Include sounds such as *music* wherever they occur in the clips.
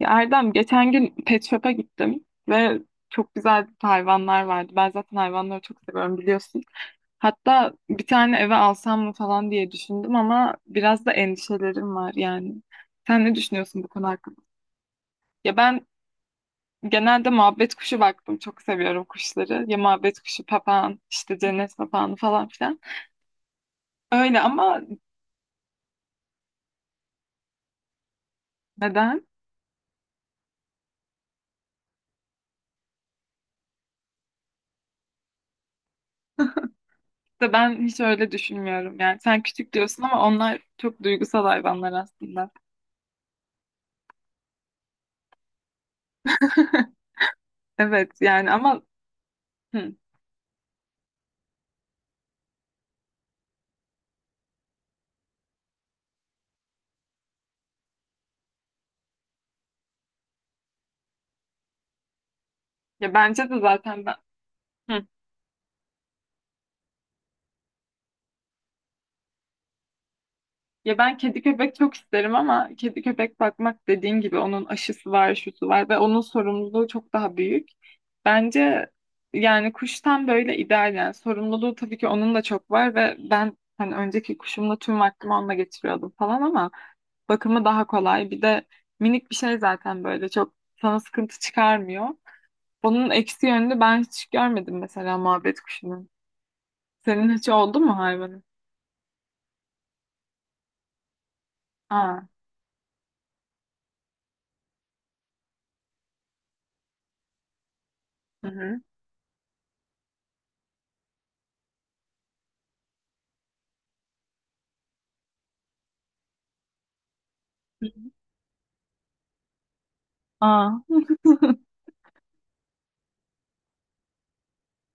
Ya Erdem, geçen gün pet shop'a gittim ve çok güzel hayvanlar vardı. Ben zaten hayvanları çok seviyorum, biliyorsun. Hatta bir tane eve alsam mı falan diye düşündüm, ama biraz da endişelerim var yani. Sen ne düşünüyorsun bu konu hakkında? Ya ben genelde muhabbet kuşu baktım. Çok seviyorum kuşları. Ya muhabbet kuşu, papağan, işte cennet papağanı falan filan. Öyle ama neden? İşte ben hiç öyle düşünmüyorum yani. Sen küçük diyorsun ama onlar çok duygusal hayvanlar aslında. *laughs* Evet yani ama hı, ya bence de zaten ben hı, ya ben kedi köpek çok isterim ama kedi köpek bakmak, dediğin gibi onun aşısı var, şusu var ve onun sorumluluğu çok daha büyük. Bence yani kuştan böyle ideal, yani sorumluluğu tabii ki onun da çok var ve ben hani önceki kuşumla tüm vaktimi onunla geçiriyordum falan ama bakımı daha kolay. Bir de minik bir şey zaten, böyle çok sana sıkıntı çıkarmıyor. Onun eksi yönünü ben hiç görmedim mesela muhabbet kuşunun. Senin hiç oldu mu hayvanın? Aa. Hı hı. Hı hı. Aa. *laughs*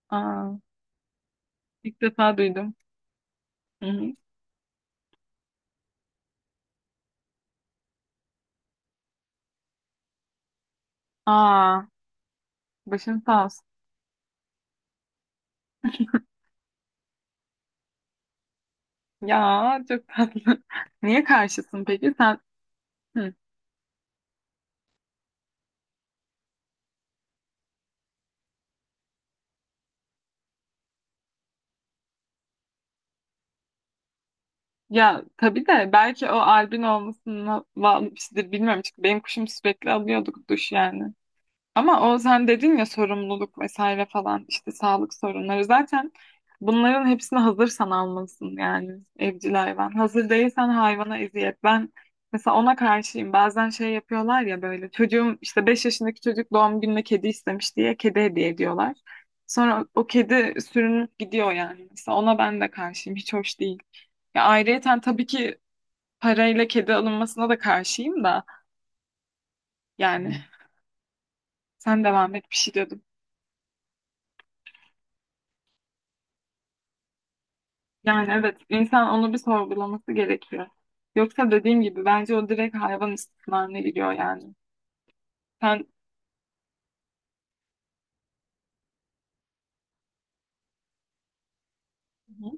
Aa. İlk defa duydum. Hı hı. Aa. Başın sağ olsun. Ya çok tatlı. *laughs* Niye karşısın peki? Sen. Hı. Ya tabii de belki o albin olmasına bağlı bir şeydir. Bilmiyorum, çünkü benim kuşum sürekli alıyorduk duş yani. Ama o, sen dedin ya, sorumluluk vesaire falan, işte sağlık sorunları, zaten bunların hepsini hazırsan almalısın yani evcil hayvan. Hazır değilsen hayvana eziyet. Ben mesela ona karşıyım. Bazen şey yapıyorlar ya, böyle çocuğum işte 5 yaşındaki çocuk doğum gününe kedi istemiş diye kedi hediye ediyorlar. Sonra o kedi sürünüp gidiyor yani. Mesela ona ben de karşıyım. Hiç hoş değil. Ya ayrıyeten tabii ki parayla kedi alınmasına da karşıyım da, yani sen devam et, bir şey diyordun. Yani evet, insan onu bir sorgulaması gerekiyor. Yoksa dediğim gibi bence o direkt hayvan istismarına giriyor yani. Sen. Hı.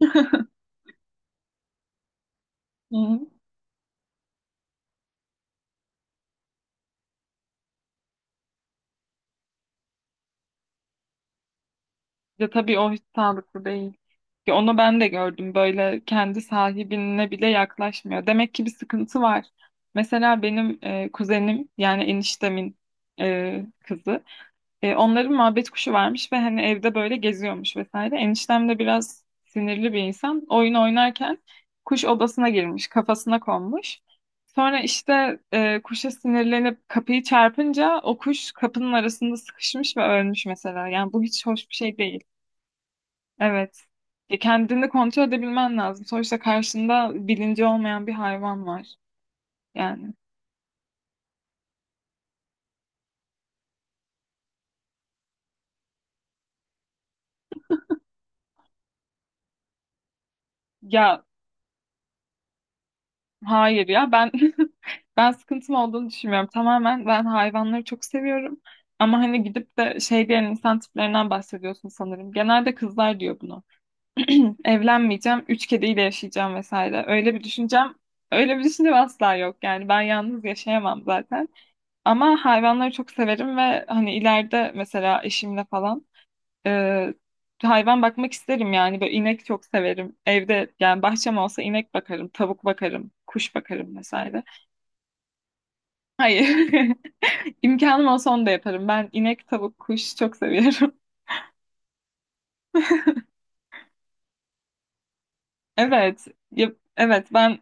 *laughs* Hı. Hı. Ya tabii o hiç sağlıklı değil. Ya onu ben de gördüm. Böyle kendi sahibine bile yaklaşmıyor. Demek ki bir sıkıntı var. Mesela benim kuzenim, yani eniştemin kızı. Onların muhabbet kuşu varmış ve hani evde böyle geziyormuş vesaire. Eniştem de biraz sinirli bir insan. Oyun oynarken kuş odasına girmiş, kafasına konmuş. Sonra işte kuşa sinirlenip kapıyı çarpınca o kuş kapının arasında sıkışmış ve ölmüş mesela. Yani bu hiç hoş bir şey değil. Evet. Kendini kontrol edebilmen lazım. Sonuçta karşında bilinci olmayan bir hayvan var. Yani ya. Hayır ya, ben *laughs* ben sıkıntım olduğunu düşünmüyorum. Tamamen ben hayvanları çok seviyorum. Ama hani gidip de şey diyen insan tiplerinden bahsediyorsun sanırım. Genelde kızlar diyor bunu. *clears throat* Evlenmeyeceğim, üç kediyle yaşayacağım vesaire. Öyle bir düşüncem asla yok. Yani ben yalnız yaşayamam zaten. Ama hayvanları çok severim ve hani ileride mesela eşimle falan ee, hayvan bakmak isterim yani. Böyle inek çok severim. Evde, yani bahçem olsa, inek bakarım, tavuk bakarım, kuş bakarım vesaire. Hayır. *laughs* İmkanım olsa onu da yaparım. Ben inek, tavuk, kuş çok seviyorum. Evet. Ya, evet, ben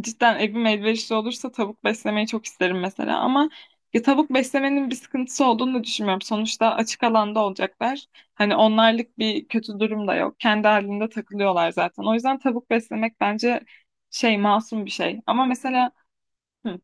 cidden evim elverişli olursa tavuk beslemeyi çok isterim mesela, ama ya tavuk beslemenin bir sıkıntısı olduğunu da düşünmüyorum. Sonuçta açık alanda olacaklar. Hani onlarlık bir kötü durum da yok. Kendi halinde takılıyorlar zaten. O yüzden tavuk beslemek bence şey, masum bir şey. Ama mesela hı,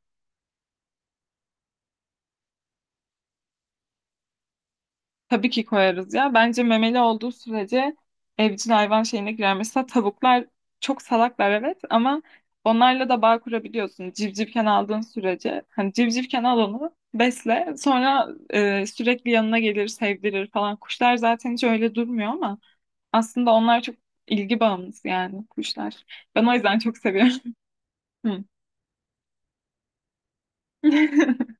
tabii ki koyarız ya. Bence memeli olduğu sürece evcil hayvan şeyine girer. Mesela tavuklar çok salaklar evet, ama onlarla da bağ kurabiliyorsun. Civcivken aldığın sürece. Hani civcivken al onu besle. Sonra sürekli yanına gelir, sevdirir falan. Kuşlar zaten hiç öyle durmuyor, ama aslında onlar çok ilgi bağımlısı yani, kuşlar. Ben o yüzden çok seviyorum. *laughs* Hı. *laughs*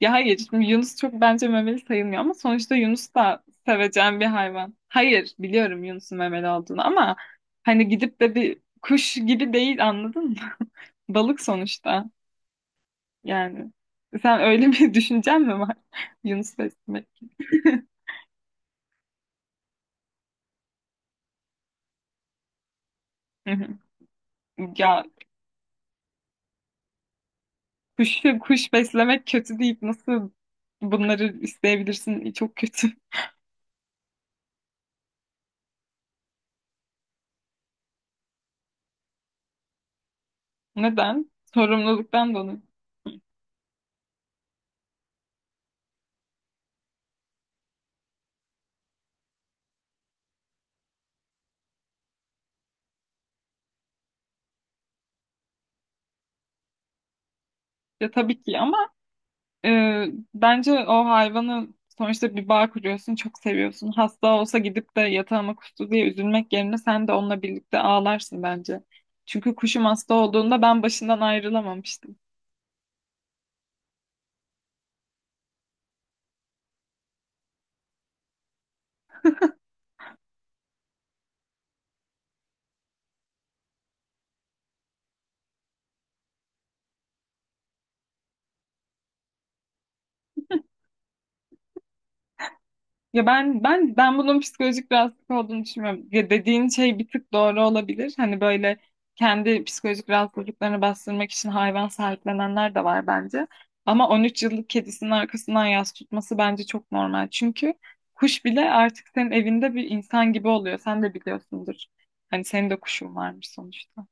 Ya hayır, şimdi Yunus çok bence memeli sayılmıyor, ama sonuçta Yunus da seveceğim bir hayvan. Hayır, biliyorum Yunus'un memeli olduğunu, ama hani gidip de bir kuş gibi değil, anladın mı? *laughs* Balık sonuçta yani. Sen öyle bir *laughs* düşüncen mi var? Yunus beslemek. *laughs* Hı hı. Ya kuş, kuş beslemek kötü deyip nasıl bunları isteyebilirsin? Çok kötü. *laughs* Neden? Sorumluluktan dolayı. Ya tabii ki ama Ee, bence o hayvanı, sonuçta bir bağ kuruyorsun, çok seviyorsun. Hasta olsa gidip de yatağıma kustu diye üzülmek yerine sen de onunla birlikte ağlarsın bence. Çünkü kuşum hasta olduğunda ben başından ayrılamamıştım. Ya ben bunun psikolojik rahatsızlık olduğunu düşünmüyorum. Ya dediğin şey bir tık doğru olabilir. Hani böyle kendi psikolojik rahatsızlıklarını bastırmak için hayvan sahiplenenler de var bence. Ama 13 yıllık kedisinin arkasından yas tutması bence çok normal. Çünkü kuş bile artık senin evinde bir insan gibi oluyor. Sen de biliyorsundur. Hani senin de kuşun varmış sonuçta.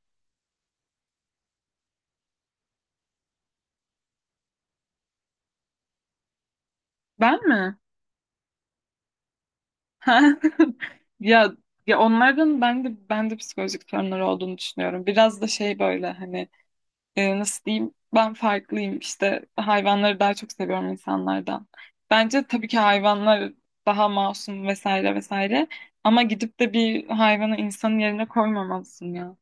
Ben mi? *laughs* Ya, ya onlardan ben de psikolojik sorunları olduğunu düşünüyorum. Biraz da şey böyle hani nasıl diyeyim, ben farklıyım işte, hayvanları daha çok seviyorum insanlardan. Bence tabii ki hayvanlar daha masum vesaire vesaire, ama gidip de bir hayvanı insanın yerine koymamalısın ya.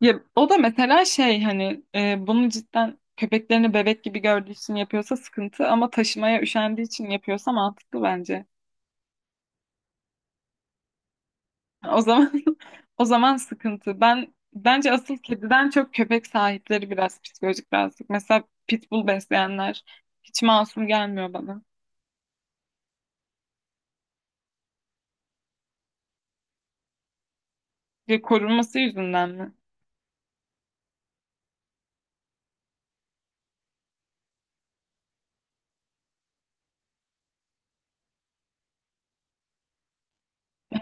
Ya o da mesela şey, hani bunu cidden köpeklerini bebek gibi gördüğü için yapıyorsa sıkıntı, ama taşımaya üşendiği için yapıyorsa mantıklı bence. O zaman *laughs* o zaman sıkıntı. Ben, bence asıl kediden çok köpek sahipleri biraz psikolojik rahatsızlık. Mesela pitbull besleyenler hiç masum gelmiyor bana. Ve korunması yüzünden mi?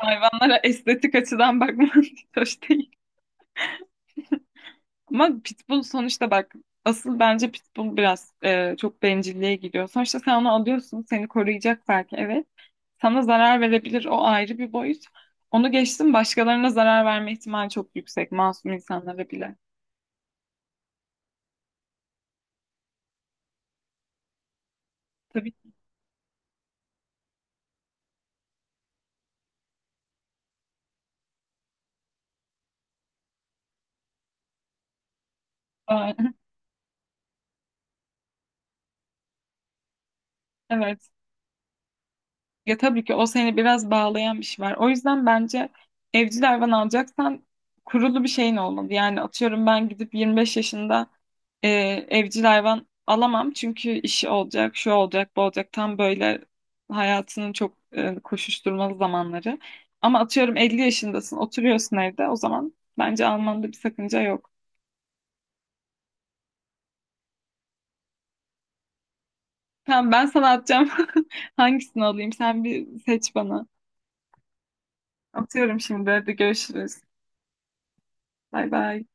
Hayvanlara estetik açıdan bakmak *laughs* hiç hoş değil. Ama pitbull sonuçta bak, asıl bence pitbull biraz çok bencilliğe gidiyor. Sonuçta sen onu alıyorsun, seni koruyacak belki, evet. Sana zarar verebilir, o ayrı bir boyut. Onu geçtim, başkalarına zarar verme ihtimali çok yüksek, masum insanlara bile. Aa. *laughs* Evet. Ya tabii ki o seni biraz bağlayan bir şey var. O yüzden bence evcil hayvan alacaksan kurulu bir şeyin olmalı. Yani atıyorum ben gidip 25 yaşında e, evcil hayvan alamam. Çünkü işi olacak, şu olacak, bu olacak. Tam böyle hayatının çok koşuşturmalı zamanları. Ama atıyorum 50 yaşındasın, oturuyorsun evde. O zaman bence almanda bir sakınca yok. Tamam, ben sana atacağım. *laughs* Hangisini alayım? Sen bir seç bana. Atıyorum şimdi. Hadi görüşürüz. Bay bay.